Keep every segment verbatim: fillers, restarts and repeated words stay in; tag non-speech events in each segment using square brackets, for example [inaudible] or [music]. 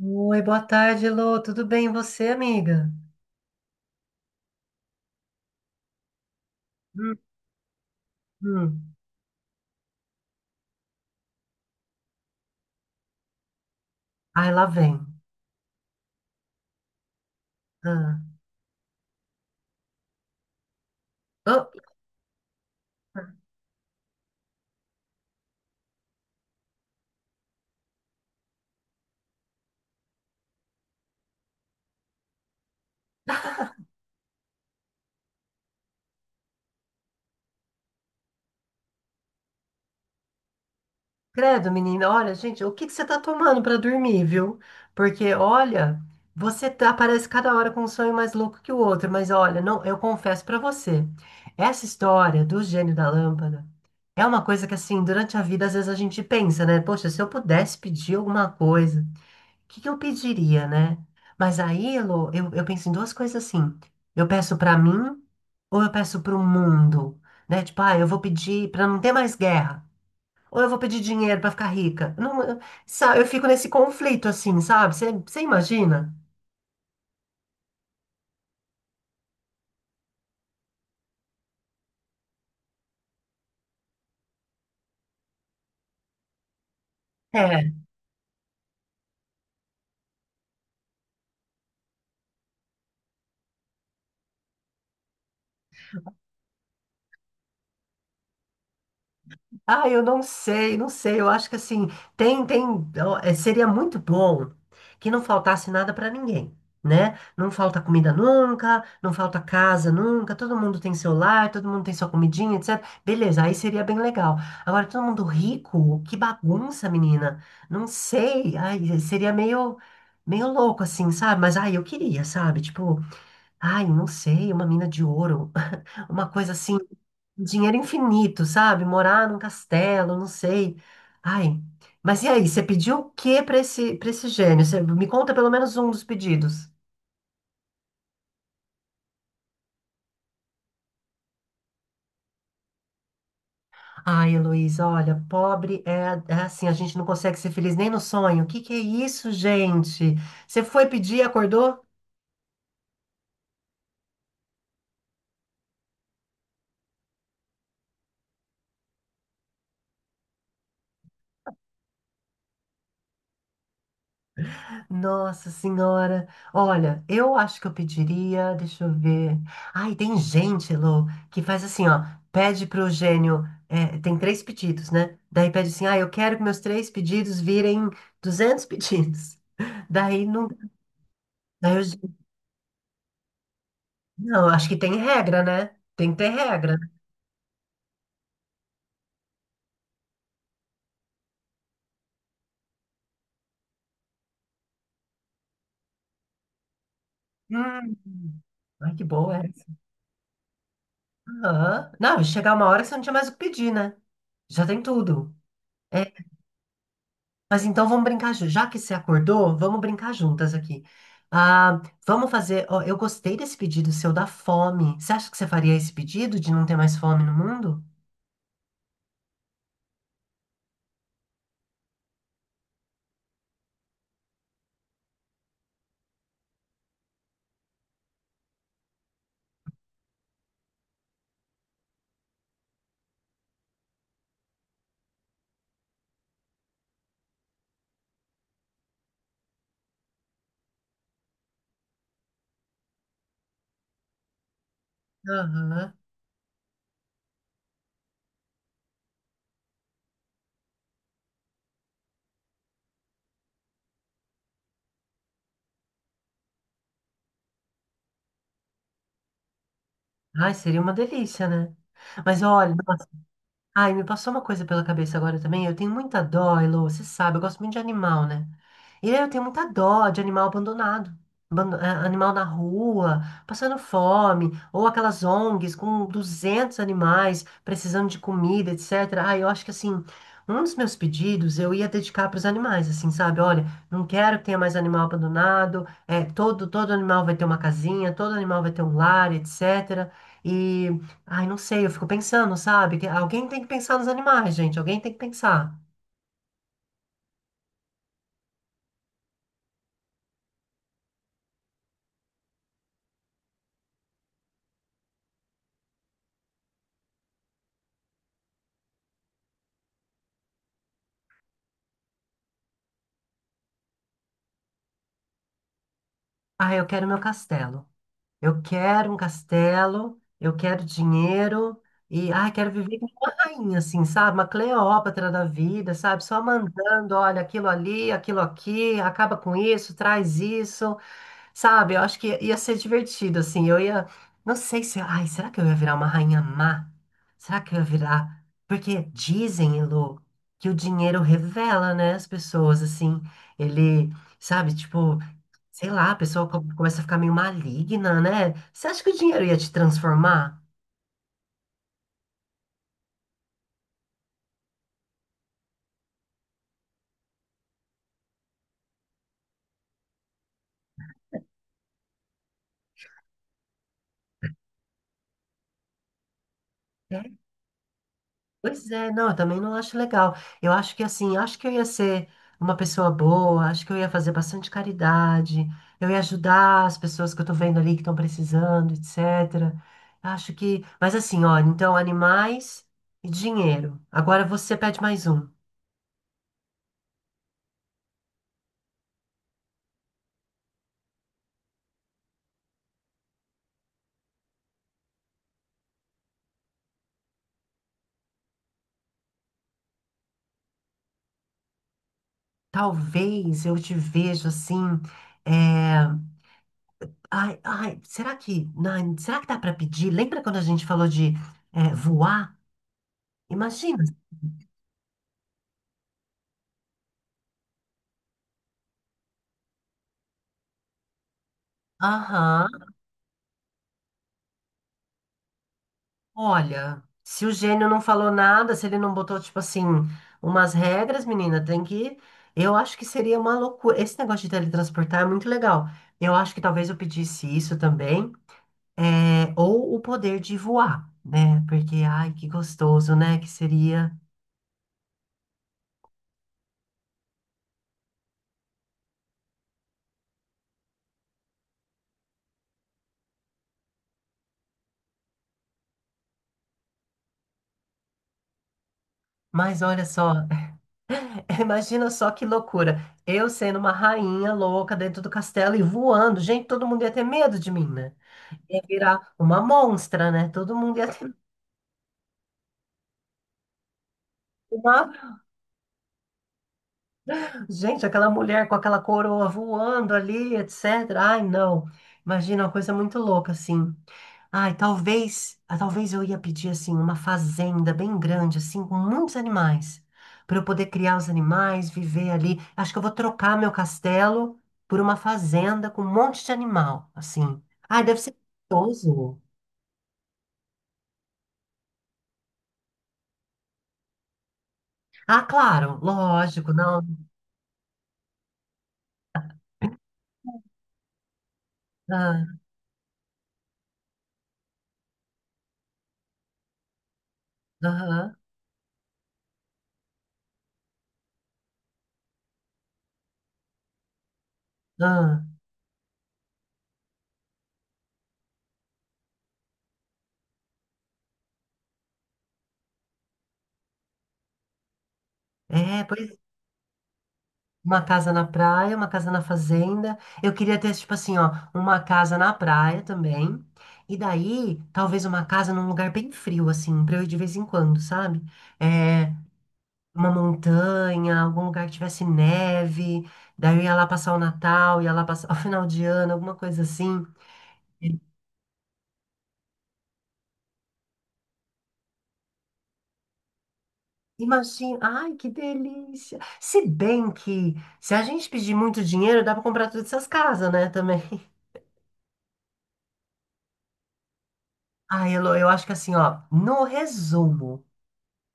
Oi, boa tarde, Lô. Tudo bem, e você, amiga? Hum, hum. Ai, lá vem. Ah. Ah, credo, menina. Olha, gente, o que que você tá tomando pra dormir, viu? Porque, olha, você tá, aparece cada hora com um sonho mais louco que o outro. Mas, olha, não, eu confesso pra você, essa história do gênio da lâmpada é uma coisa que, assim, durante a vida, às vezes a gente pensa, né? Poxa, se eu pudesse pedir alguma coisa. O que que eu pediria, né? Mas aí, Lô, eu, eu penso em duas coisas assim. Eu peço pra mim ou eu peço pro mundo, né? Tipo, ah, eu vou pedir pra não ter mais guerra. Ou eu vou pedir dinheiro pra ficar rica. Não, eu, sabe, eu fico nesse conflito assim, sabe? Você imagina? É. Ah, eu não sei, não sei. Eu acho que assim, tem, tem, ó, eh, seria muito bom que não faltasse nada para ninguém, né? Não falta comida nunca, não falta casa nunca, todo mundo tem seu lar, todo mundo tem sua comidinha, etcétera. Beleza, aí seria bem legal. Agora, todo mundo rico, que bagunça, menina. Não sei, ai, seria meio, meio louco assim, sabe? Mas ai, eu queria, sabe? Tipo, ai, não sei, uma mina de ouro, [laughs] uma coisa assim. Dinheiro infinito, sabe? Morar num castelo, não sei. Ai, mas e aí? Você pediu o que para esse, para esse gênio? Você me conta pelo menos um dos pedidos. Ai, Heloísa, olha, pobre é, é assim, a gente não consegue ser feliz nem no sonho. O que que é isso, gente? Você foi pedir, acordou? Nossa Senhora, olha, eu acho que eu pediria, deixa eu ver. Ai, tem gente, Lô, que faz assim, ó, pede pro gênio, é, tem três pedidos, né? Daí pede assim, ah, eu quero que meus três pedidos virem duzentos pedidos. Daí não, daí o não, acho que tem regra, né? Tem que ter regra. Hum. Ai, que boa essa. Aham. Não, chegar uma hora que você não tinha mais o que pedir, né? Já tem tudo. É. Mas então vamos brincar juntos. Já que você acordou, vamos brincar juntas aqui. Ah, vamos fazer. Ó, eu gostei desse pedido seu da fome. Você acha que você faria esse pedido de não ter mais fome no mundo? Aham. Ai, seria uma delícia, né? Mas olha, ai, me passou uma coisa pela cabeça agora também. Eu tenho muita dó, Elô, você sabe, eu gosto muito de animal, né? E aí eu tenho muita dó de animal abandonado. Abando- é, Animal na rua, passando fome, ou aquelas O N Gs com duzentos animais precisando de comida, etcétera. Ah, eu acho que assim, um dos meus pedidos eu ia dedicar para os animais, assim, sabe? Olha, não quero que tenha mais animal abandonado, é, todo, todo animal vai ter uma casinha, todo animal vai ter um lar, etcétera. Ai, não sei, eu fico pensando, sabe? Que alguém tem que pensar nos animais, gente. Alguém tem que pensar. Ah, eu quero meu castelo. Eu quero um castelo, eu quero dinheiro e, ai, quero viver como uma rainha, assim, sabe? Uma Cleópatra da vida, sabe? Só mandando, olha, aquilo ali, aquilo aqui, acaba com isso, traz isso. Sabe, eu acho que ia ia ser divertido, assim. Eu ia. Não sei se. Ai, será que eu ia virar uma rainha má? Será que eu ia virar. Porque dizem, Elô, que o dinheiro revela, né, as pessoas, assim. Ele, sabe, tipo, sei lá, a pessoa co- começa a ficar meio maligna, né? Você acha que o dinheiro ia te transformar? Pois é, não, eu também não acho legal. Eu acho que assim, acho que eu ia ser uma pessoa boa, acho que eu ia fazer bastante caridade, eu ia ajudar as pessoas que eu tô vendo ali que estão precisando, etcétera. Acho que, mas assim, olha, então animais e dinheiro. Agora você pede mais um. Talvez eu te vejo assim, é, ai, ai, será que, não, será que dá para pedir? Lembra quando a gente falou de é, voar? Imagina. Aham. Olha, se o gênio não falou nada, se ele não botou, tipo assim, umas regras, menina, tem que. Eu acho que seria uma loucura. Esse negócio de teletransportar é muito legal. Eu acho que talvez eu pedisse isso também. é, Ou o poder de voar, né? Porque, ai, que gostoso, né? Que seria. Mas olha só, [laughs] imagina só que loucura. Eu sendo uma rainha louca dentro do castelo e voando. Gente, todo mundo ia ter medo de mim, né? Ia virar uma monstra, né? Todo mundo ia ter. Uma Gente, aquela mulher com aquela coroa voando ali, etcétera. Ai, não. Imagina uma coisa muito louca, assim. Ai, talvez, ah, talvez eu ia pedir, assim, uma fazenda bem grande, assim, com muitos animais, para eu poder criar os animais, viver ali. Acho que eu vou trocar meu castelo por uma fazenda com um monte de animal, assim. Ai, deve ser gostoso. Ah, claro, lógico, não. Ah, aham, ah. É, pois, uma casa na praia, uma casa na fazenda. Eu queria ter, tipo assim, ó, uma casa na praia também. E daí, talvez uma casa num lugar bem frio, assim, pra eu ir de vez em quando, sabe? É, uma montanha, algum lugar que tivesse neve. Daí eu ia lá passar o Natal, ia lá passar [laughs] o final de ano, alguma coisa assim. Imagina, ai, que delícia. Se bem que, se a gente pedir muito dinheiro, dá pra comprar todas essas casas, né, também. [laughs] Ai, Elô, eu acho que assim, ó, no resumo,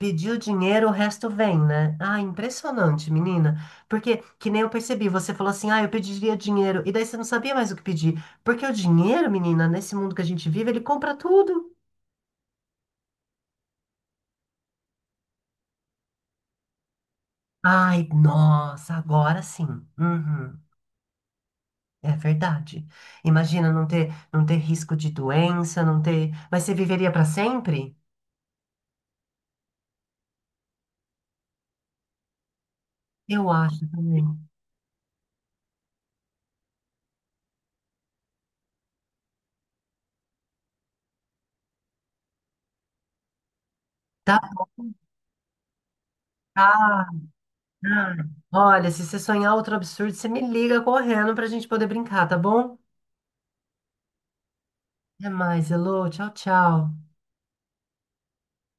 pediu dinheiro, o resto vem, né? Ah, impressionante, menina. Porque, que nem eu percebi, você falou assim, ah, eu pediria dinheiro. E daí você não sabia mais o que pedir. Porque o dinheiro, menina, nesse mundo que a gente vive, ele compra tudo. Ai, nossa, agora sim. Uhum, é verdade. Imagina não ter, não ter risco de doença, não ter. Mas você viveria para sempre? Eu acho também. Tá, tá. Tá. Olha, se você sonhar outro absurdo, você me liga correndo pra gente poder brincar, tá bom? Até mais, Elô. Tchau, tchau.